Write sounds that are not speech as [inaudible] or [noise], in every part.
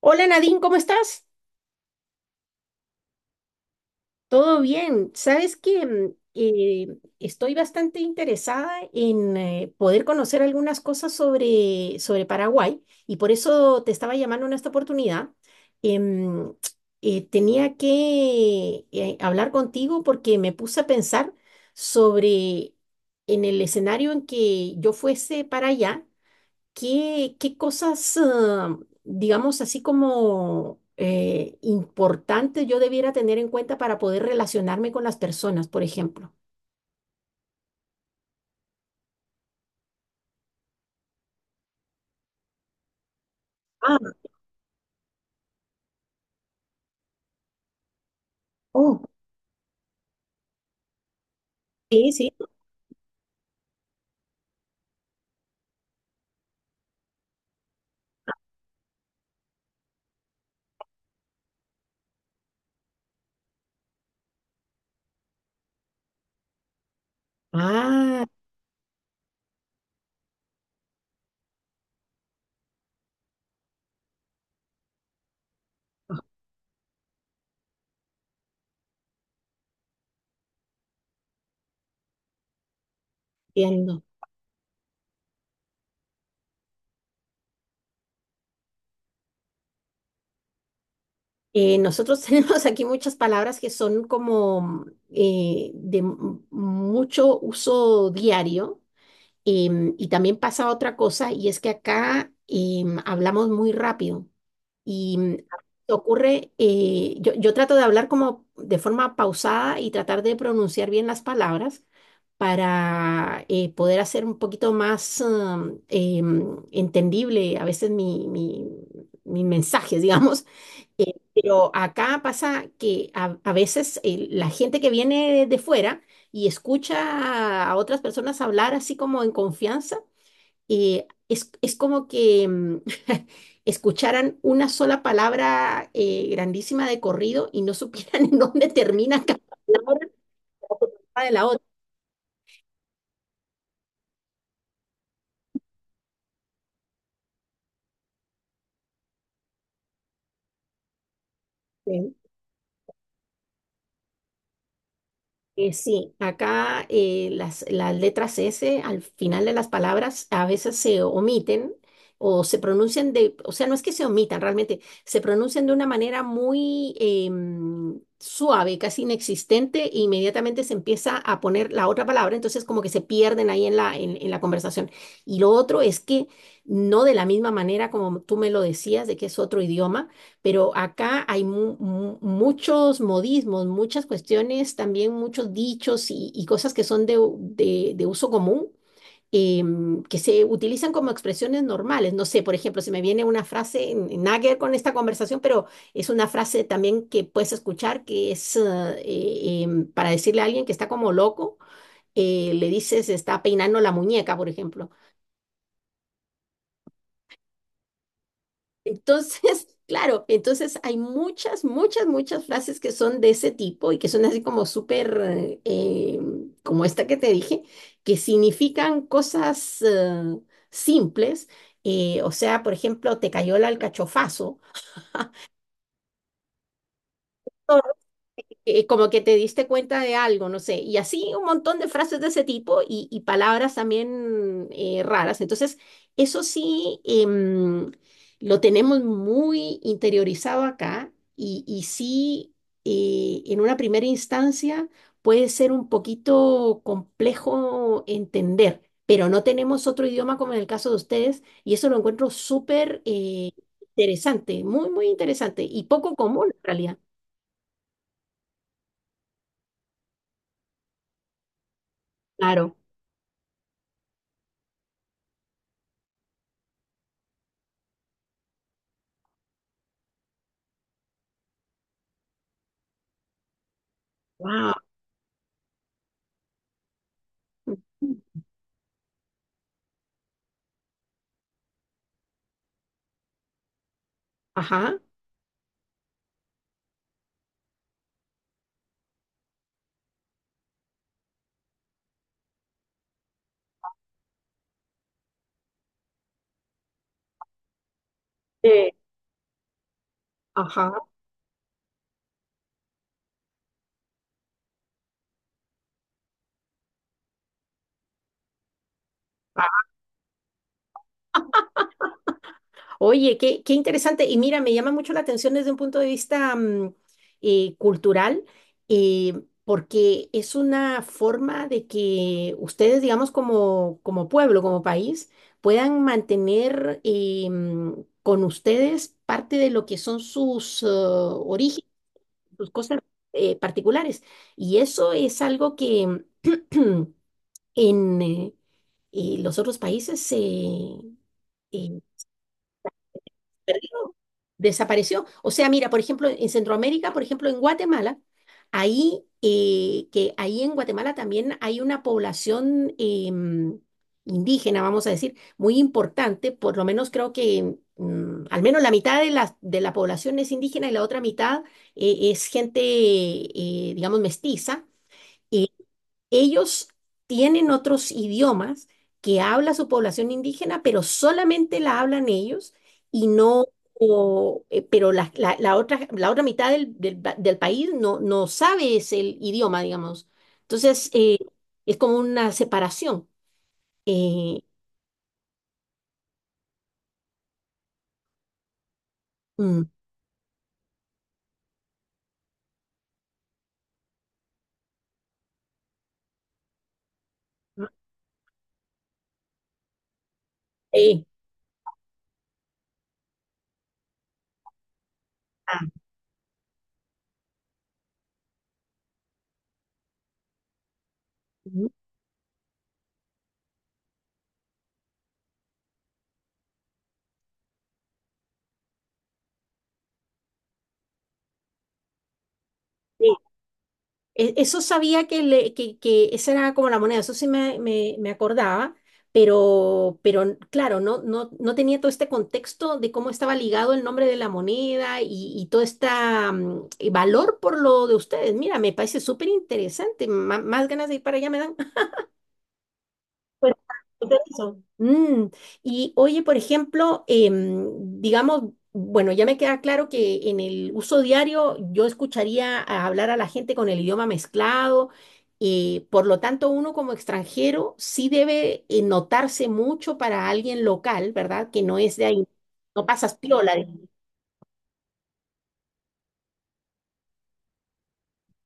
Hola Nadine, ¿cómo estás? Todo bien. Sabes que estoy bastante interesada en poder conocer algunas cosas sobre Paraguay y por eso te estaba llamando en esta oportunidad. Em, tenía que hablar contigo porque me puse a pensar sobre en el escenario en que yo fuese para allá. ¿Qué cosas, digamos, así como importantes yo debiera tener en cuenta para poder relacionarme con las personas, por ejemplo? Ah. Oh. Sí, sí. Ah, entiendo. Nosotros [laughs] tenemos aquí muchas palabras que son como de mucho uso diario, y también pasa otra cosa, y es que acá hablamos muy rápido. Y ocurre, yo trato de hablar como de forma pausada y tratar de pronunciar bien las palabras para poder hacer un poquito más entendible a veces mis mensajes, digamos. [laughs] Pero acá pasa que a veces la gente que viene de fuera y escucha a otras personas hablar así como en confianza es como que [laughs] escucharan una sola palabra grandísima de corrido y no supieran [laughs] en dónde termina cada palabra de la otra. ¿Sí? Sí, acá las letras S al final de las palabras a veces se omiten, o se pronuncian de, o sea, no es que se omitan realmente, se pronuncian de una manera muy suave, casi inexistente, e inmediatamente se empieza a poner la otra palabra, entonces como que se pierden ahí en la, en la conversación. Y lo otro es que no de la misma manera como tú me lo decías, de que es otro idioma, pero acá hay muchos modismos, muchas cuestiones, también muchos dichos y cosas que son de, de uso común, que se utilizan como expresiones normales. No sé, por ejemplo, se me viene una frase, nada que ver con esta conversación, pero es una frase también que puedes escuchar, que es para decirle a alguien que está como loco, le dices, está peinando la muñeca, por ejemplo. Entonces, [laughs] claro, entonces hay muchas frases que son de ese tipo y que son así como súper, como esta que te dije, que significan cosas simples. O sea, por ejemplo, te cayó el alcachofazo. Como que te diste cuenta de algo, no sé, y así un montón de frases de ese tipo y palabras también raras. Entonces, eso sí, lo tenemos muy interiorizado acá, y sí, en una primera instancia puede ser un poquito complejo entender. Pero no tenemos otro idioma como en el caso de ustedes, y eso lo encuentro súper interesante, muy, muy interesante y poco común en realidad. Claro. Wow. Ajá. Eh, Ajá. Ah. Oye, qué, qué interesante. Y mira, me llama mucho la atención desde un punto de vista cultural, eh, porque es una forma de que ustedes, digamos, como, como pueblo, como país, puedan mantener con ustedes parte de lo que son sus orígenes, sus cosas particulares. Y eso es algo que [clears throat] en los otros países se perdió, desapareció. O sea, mira, por ejemplo, en Centroamérica, por ejemplo, en Guatemala, ahí, que ahí en Guatemala también hay una población indígena, vamos a decir, muy importante, por lo menos creo que al menos la mitad de la población es indígena y la otra mitad es gente, digamos, mestiza. Ellos tienen otros idiomas que habla su población indígena, pero solamente la hablan ellos y no, o, pero la, la otra mitad del, del país no, no sabe ese idioma, digamos. Entonces, es como una separación. Eh, mm. eh, ah. Ujú. Sí. E- Eso sabía, que esa era como la moneda, eso sí me, me acordaba, pero claro, no, no, no tenía todo este contexto de cómo estaba ligado el nombre de la moneda y todo este valor por lo de ustedes. Mira, me parece súper interesante, más ganas de ir para allá me dan. Pues, súper eso. Mm, y oye, por ejemplo, digamos, bueno, ya me queda claro que en el uso diario yo escucharía a hablar a la gente con el idioma mezclado, por lo tanto uno como extranjero sí debe notarse mucho para alguien local, ¿verdad? Que no es de ahí, no pasas piola.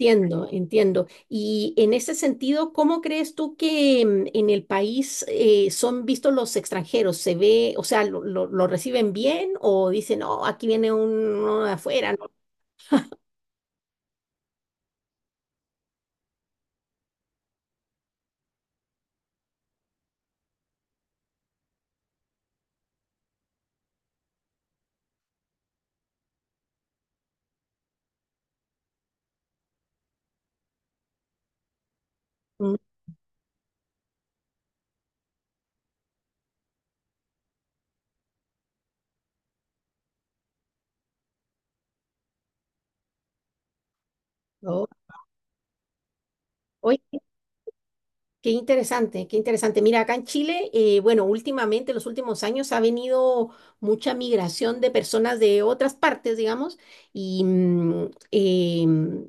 Entiendo, entiendo. Y en ese sentido, ¿cómo crees tú que en el país son vistos los extranjeros? ¿Se ve, o sea, lo reciben bien o dicen, no, aquí viene uno de afuera, ¿no? Mm, no. Oye, qué interesante, qué interesante. Mira, acá en Chile, bueno, últimamente, en los últimos años, ha venido mucha migración de personas de otras partes, digamos, y em,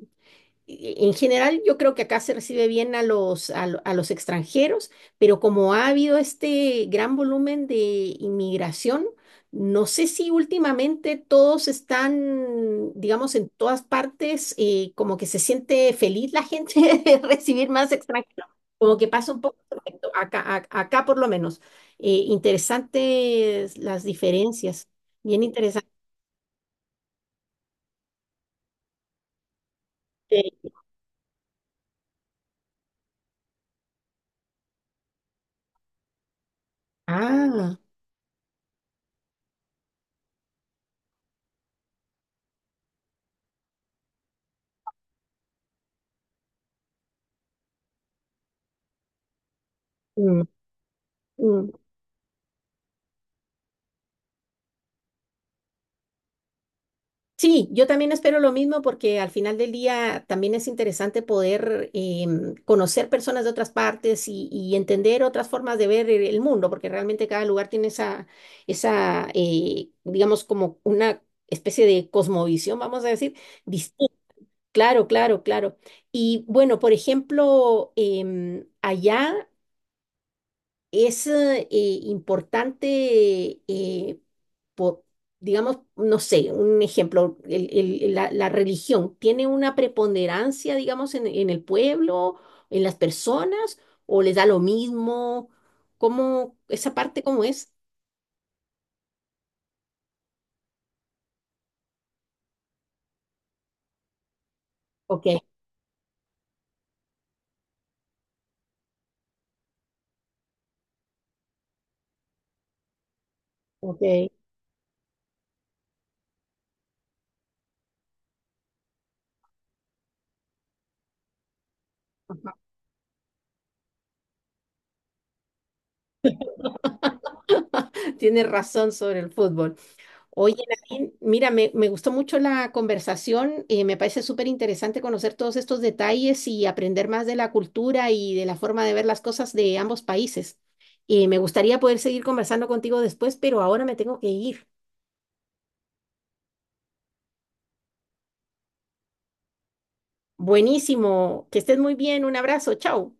en general, yo creo que acá se recibe bien a los, a, a los extranjeros, pero como ha habido este gran volumen de inmigración, no sé si últimamente todos están, digamos, en todas partes, como que se siente feliz la gente [laughs] de recibir más extranjeros, como que pasa un poco perfecto, acá, acá por lo menos. Interesantes las diferencias, bien interesante. Ah, mm. Mm. Sí, yo también espero lo mismo, porque al final del día también es interesante poder conocer personas de otras partes y entender otras formas de ver el mundo, porque realmente cada lugar tiene esa, esa digamos, como una especie de cosmovisión, vamos a decir, distinta. Claro, claro, claro. Y bueno, por ejemplo, allá es importante, po- digamos, no sé, un ejemplo, la religión tiene una preponderancia, digamos, en el pueblo, en las personas, o les da lo mismo, ¿cómo, esa parte cómo es? Ok, ok. [laughs] Tienes razón sobre el fútbol. Oye, Nadine, mira, me gustó mucho la conversación, me parece súper interesante conocer todos estos detalles y aprender más de la cultura y de la forma de ver las cosas de ambos países. Me gustaría poder seguir conversando contigo después, pero ahora me tengo que ir. Buenísimo, que estés muy bien, un abrazo, chao.